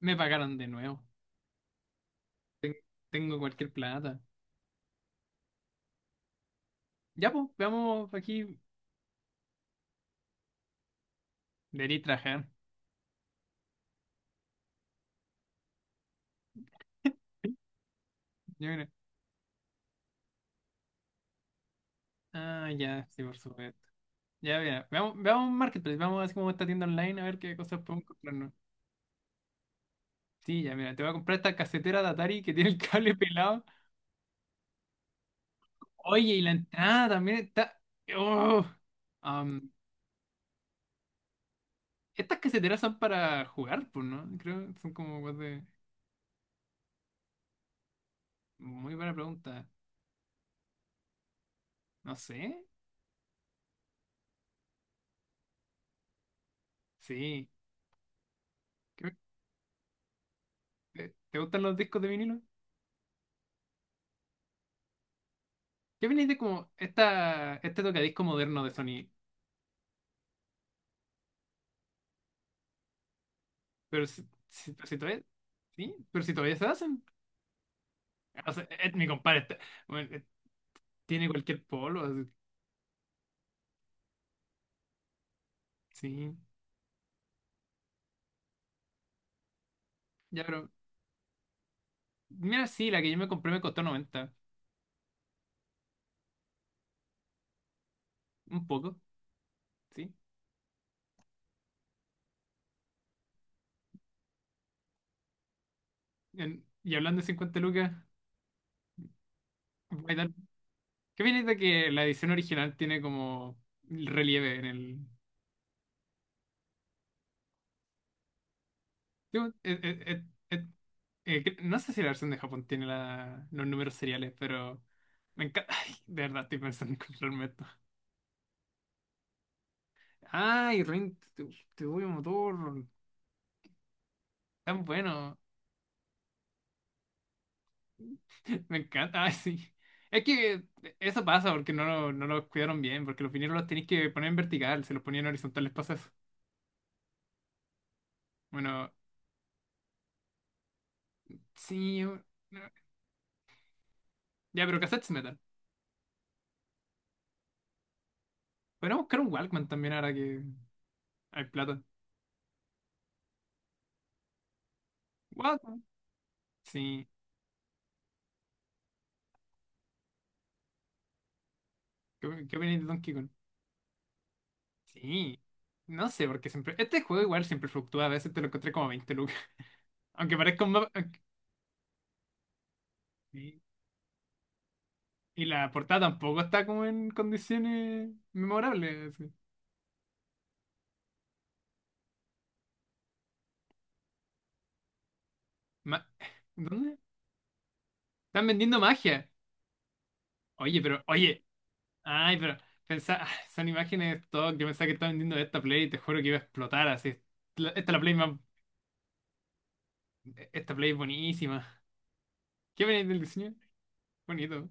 Me pagaron de nuevo. Tengo cualquier plata. Ya, pues, veamos aquí. Debería trabajar. Yo creo. Ah, ya, sí, por supuesto. Ya, mira, veamos, Marketplace. Veamos así como esta tienda online a ver qué cosas podemos comprarnos. Sí, ya, mira, te voy a comprar esta casetera de Atari que tiene el cable pelado. Oye, y la entrada también está. ¡Oh! Am, Estas caseteras son para jugar, pues, ¿no? Creo que son como cosas de. Muy buena pregunta. No sé. Sí. Creo- ¿te gustan los discos de vinilo? ¿Qué opináis de como este tocadisco moderno de Sony? Pero si todavía, ¿sí? Pero si todavía se hacen. O sea, mi bueno, tiene cualquier polo, así. Sí. Ya, pero mira, sí, la que yo me compré me costó 90. Un poco, sí. Y hablando de 50 lucas, voy a dar- ¿qué opináis de que la edición original tiene como relieve en el, digo, eh, no sé si la versión de Japón tiene los números seriales? Pero me encanta. Ay, de verdad estoy pensando en comprarme esto. Ay, Rin, tu Bulbo motor, tan bueno. Me encanta, ay, sí. Es que eso pasa porque no los cuidaron bien, porque los vinilos los tenéis que poner en vertical, se los ponían horizontales, pasa eso. Bueno, sí. Ya, pero cassettes metal. Podríamos buscar un Walkman también ahora que hay plata. Walkman. Sí. ¿Qué, opináis de Donkey Kong? Sí, no sé, porque siempre. Este juego igual siempre fluctúa, a veces te lo encontré como a 20 lucas. Aunque parezca un mapa. Aunque- Sí. Y la portada tampoco está como en condiciones memorables, así. Ma- ¿Dónde? Están vendiendo magia. Oye, pero, oye. Ay, pero. Pensá, ah, son imágenes de stock. Yo pensaba que estaba vendiendo esta Play y te juro que iba a explotar así. Esta es la Play más. Esta Play es buenísima. ¿Qué viene del diseño? Bonito.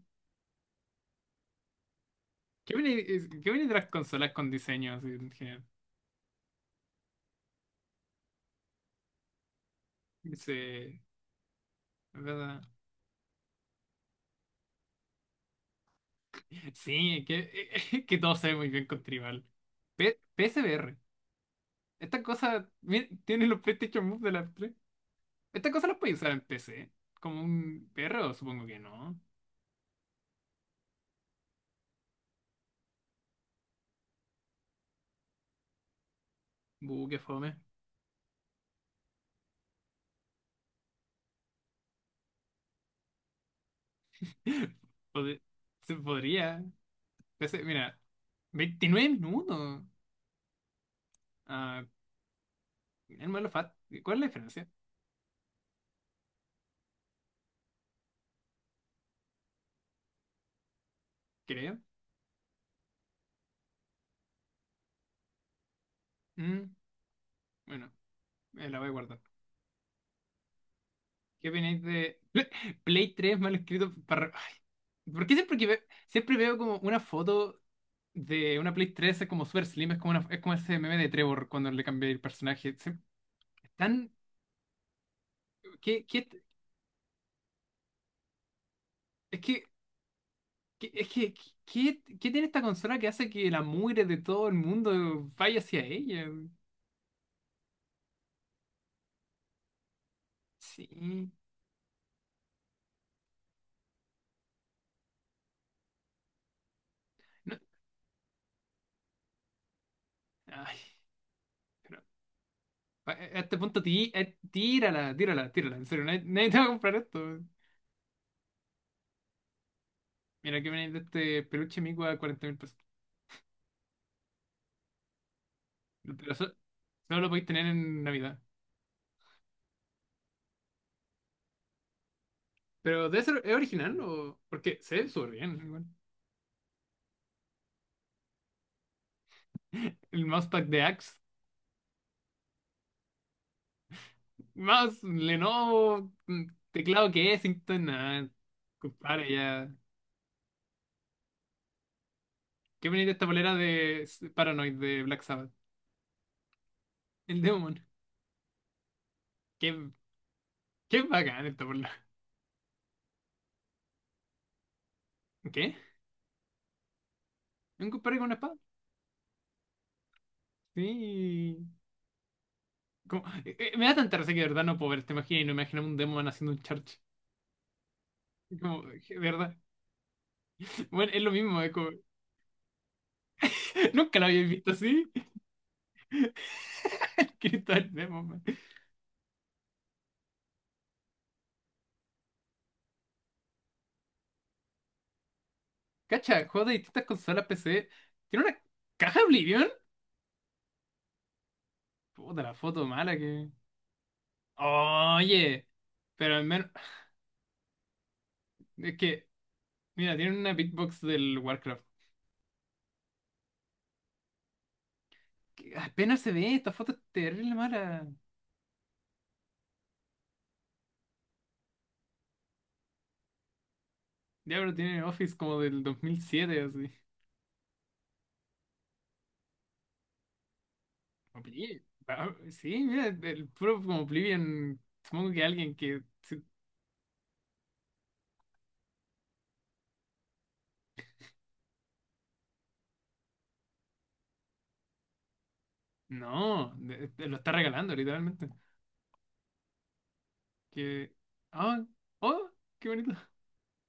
¿Qué viene, qué viene de las consolas con diseño así en general? Dice. ¿Verdad? Sí, que, que todos saben muy bien con Tribal. PSVR. Esta cosa mira, tiene los PlayStation Move de las 3. Esta cosa las puede usar en PC. Como un perro, supongo que no. Buh, qué fome. Pod- Se podría. PC, mira, 29 minutos. Ah, el modelo FAT. ¿Cuál es la diferencia? Creo. Mm, bueno, la voy a guardar. ¿Qué opináis de Play 3 mal escrito para... Ay, ¿por qué siempre que siempre veo como una foto de una Play 3 es como super slim, es como, es como ese meme de Trevor cuando le cambié el personaje? Están, ¿Qué, es que, qué- es que, qué tiene esta consola que hace que la mugre de todo el mundo vaya hacia ella? Sí. No, ay, pero, a este punto, tírala, tírala, tírala. En serio, nadie, nadie te va a comprar esto. Mira que viene de este peluche mico a $40.000. Pero solo lo podéis tener en Navidad. Pero debe ser, ¿es original o...? Porque se ve súper bien, igual. El mousepad de Axe. Más Lenovo, mm, teclado que Kensington, nada, compadre, ya. Qué bonita esta polera de Paranoid de Black Sabbath. El Demon. Qué, qué bacán esta polera. ¿Qué? ¿Un compadre con una espada? Sí. Me da tanta risa que de verdad no puedo ver esta imagen y no imagino un Demon haciendo un charge. Es como, de verdad. Bueno, es lo mismo, nunca lo había visto así. Cristo el Demon, man. Cacha, juegos de distintas consolas PC. ¿Tiene una caja Oblivion? Puta, la foto mala. Oye, pero al menos es que, mira, tienen una beatbox del Warcraft, que apenas se ve, esta foto es terrible mala. Diablo tiene Office como del 2007, así. Oye, sí, mira, el puro como Oblivion. Supongo que alguien que. Sí, no, lo está regalando, literalmente. Que. ¡Ah! ¡Oh! ¡Qué bonito!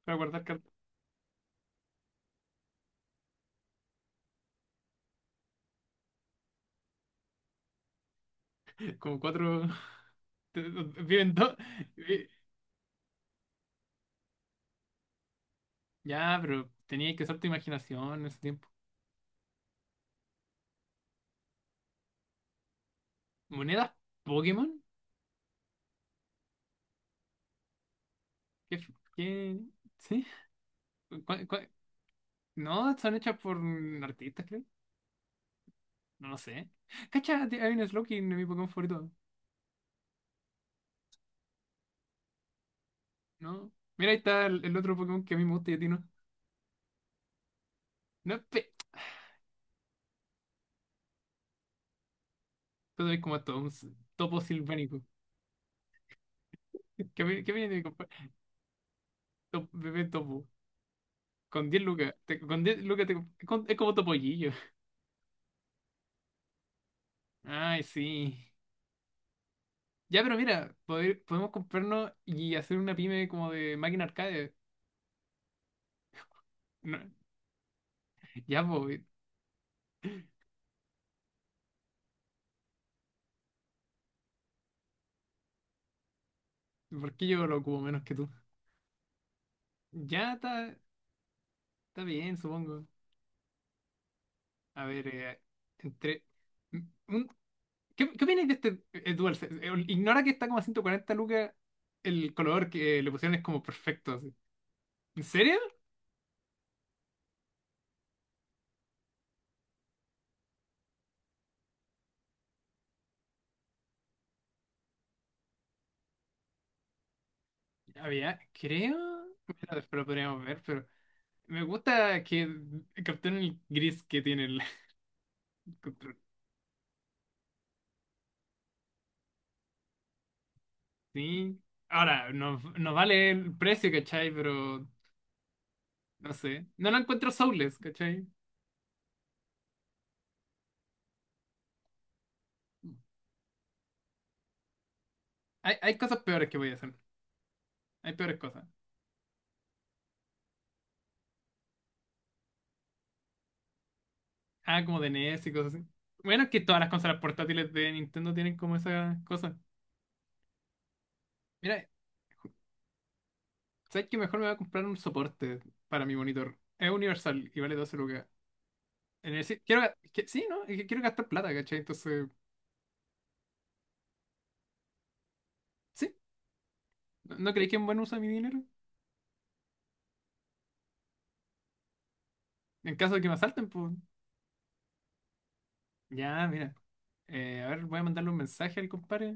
Para guardar cartas. Como cuatro. Viven dos. Ya, pero tenía que usar tu imaginación en ese tiempo. ¿Monedas Pokémon? ¿Qué, sí? ¿Cuál- cuál- No, están hechas por artistas, creo. No lo sé. Cacha, hay un Slowking en mi Pokémon favorito. No. Mira, ahí está el otro Pokémon que a mí me gusta y a ti no. No, es pe... Tú sabes como todo topo silvánico. ¿Qué, qué viene de comprar? Bebé topo. Con 10 lucas con 10 lucas te es como topollillo. Ay, sí. Ya, pero mira, podemos comprarnos y hacer una pyme como de máquina arcade. No, ya, pues, ¿por qué yo lo ocupo menos que tú? Ya está, está bien, supongo. A ver, entre... m- un- ¿qué, opináis de este DualSense? Ignora que está como a 140 lucas. El color que le pusieron es como perfecto, así. ¿En serio? Había, creo. Bueno, después lo podríamos ver, pero me gusta que capturen el gris que tiene el control. Sí. Ahora, nos vale el precio, ¿cachai? Pero no sé. No lo encuentro soulless, ¿cachai? Hay cosas peores que voy a hacer. Hay peores cosas. Ah, como de NES y cosas así. Bueno, es que todas las consolas portátiles de Nintendo tienen como esas cosas. Mira, ¿sabes qué? Mejor me voy a comprar un soporte para mi monitor. Es universal y vale 12 lucas. En el sí, ¿no? Es que quiero gastar plata, ¿cachai? Entonces, sí. ¿No, no creéis que es un buen uso de mi dinero? En caso de que me asalten, pues. Ya, mira. A ver, voy a mandarle un mensaje al compadre.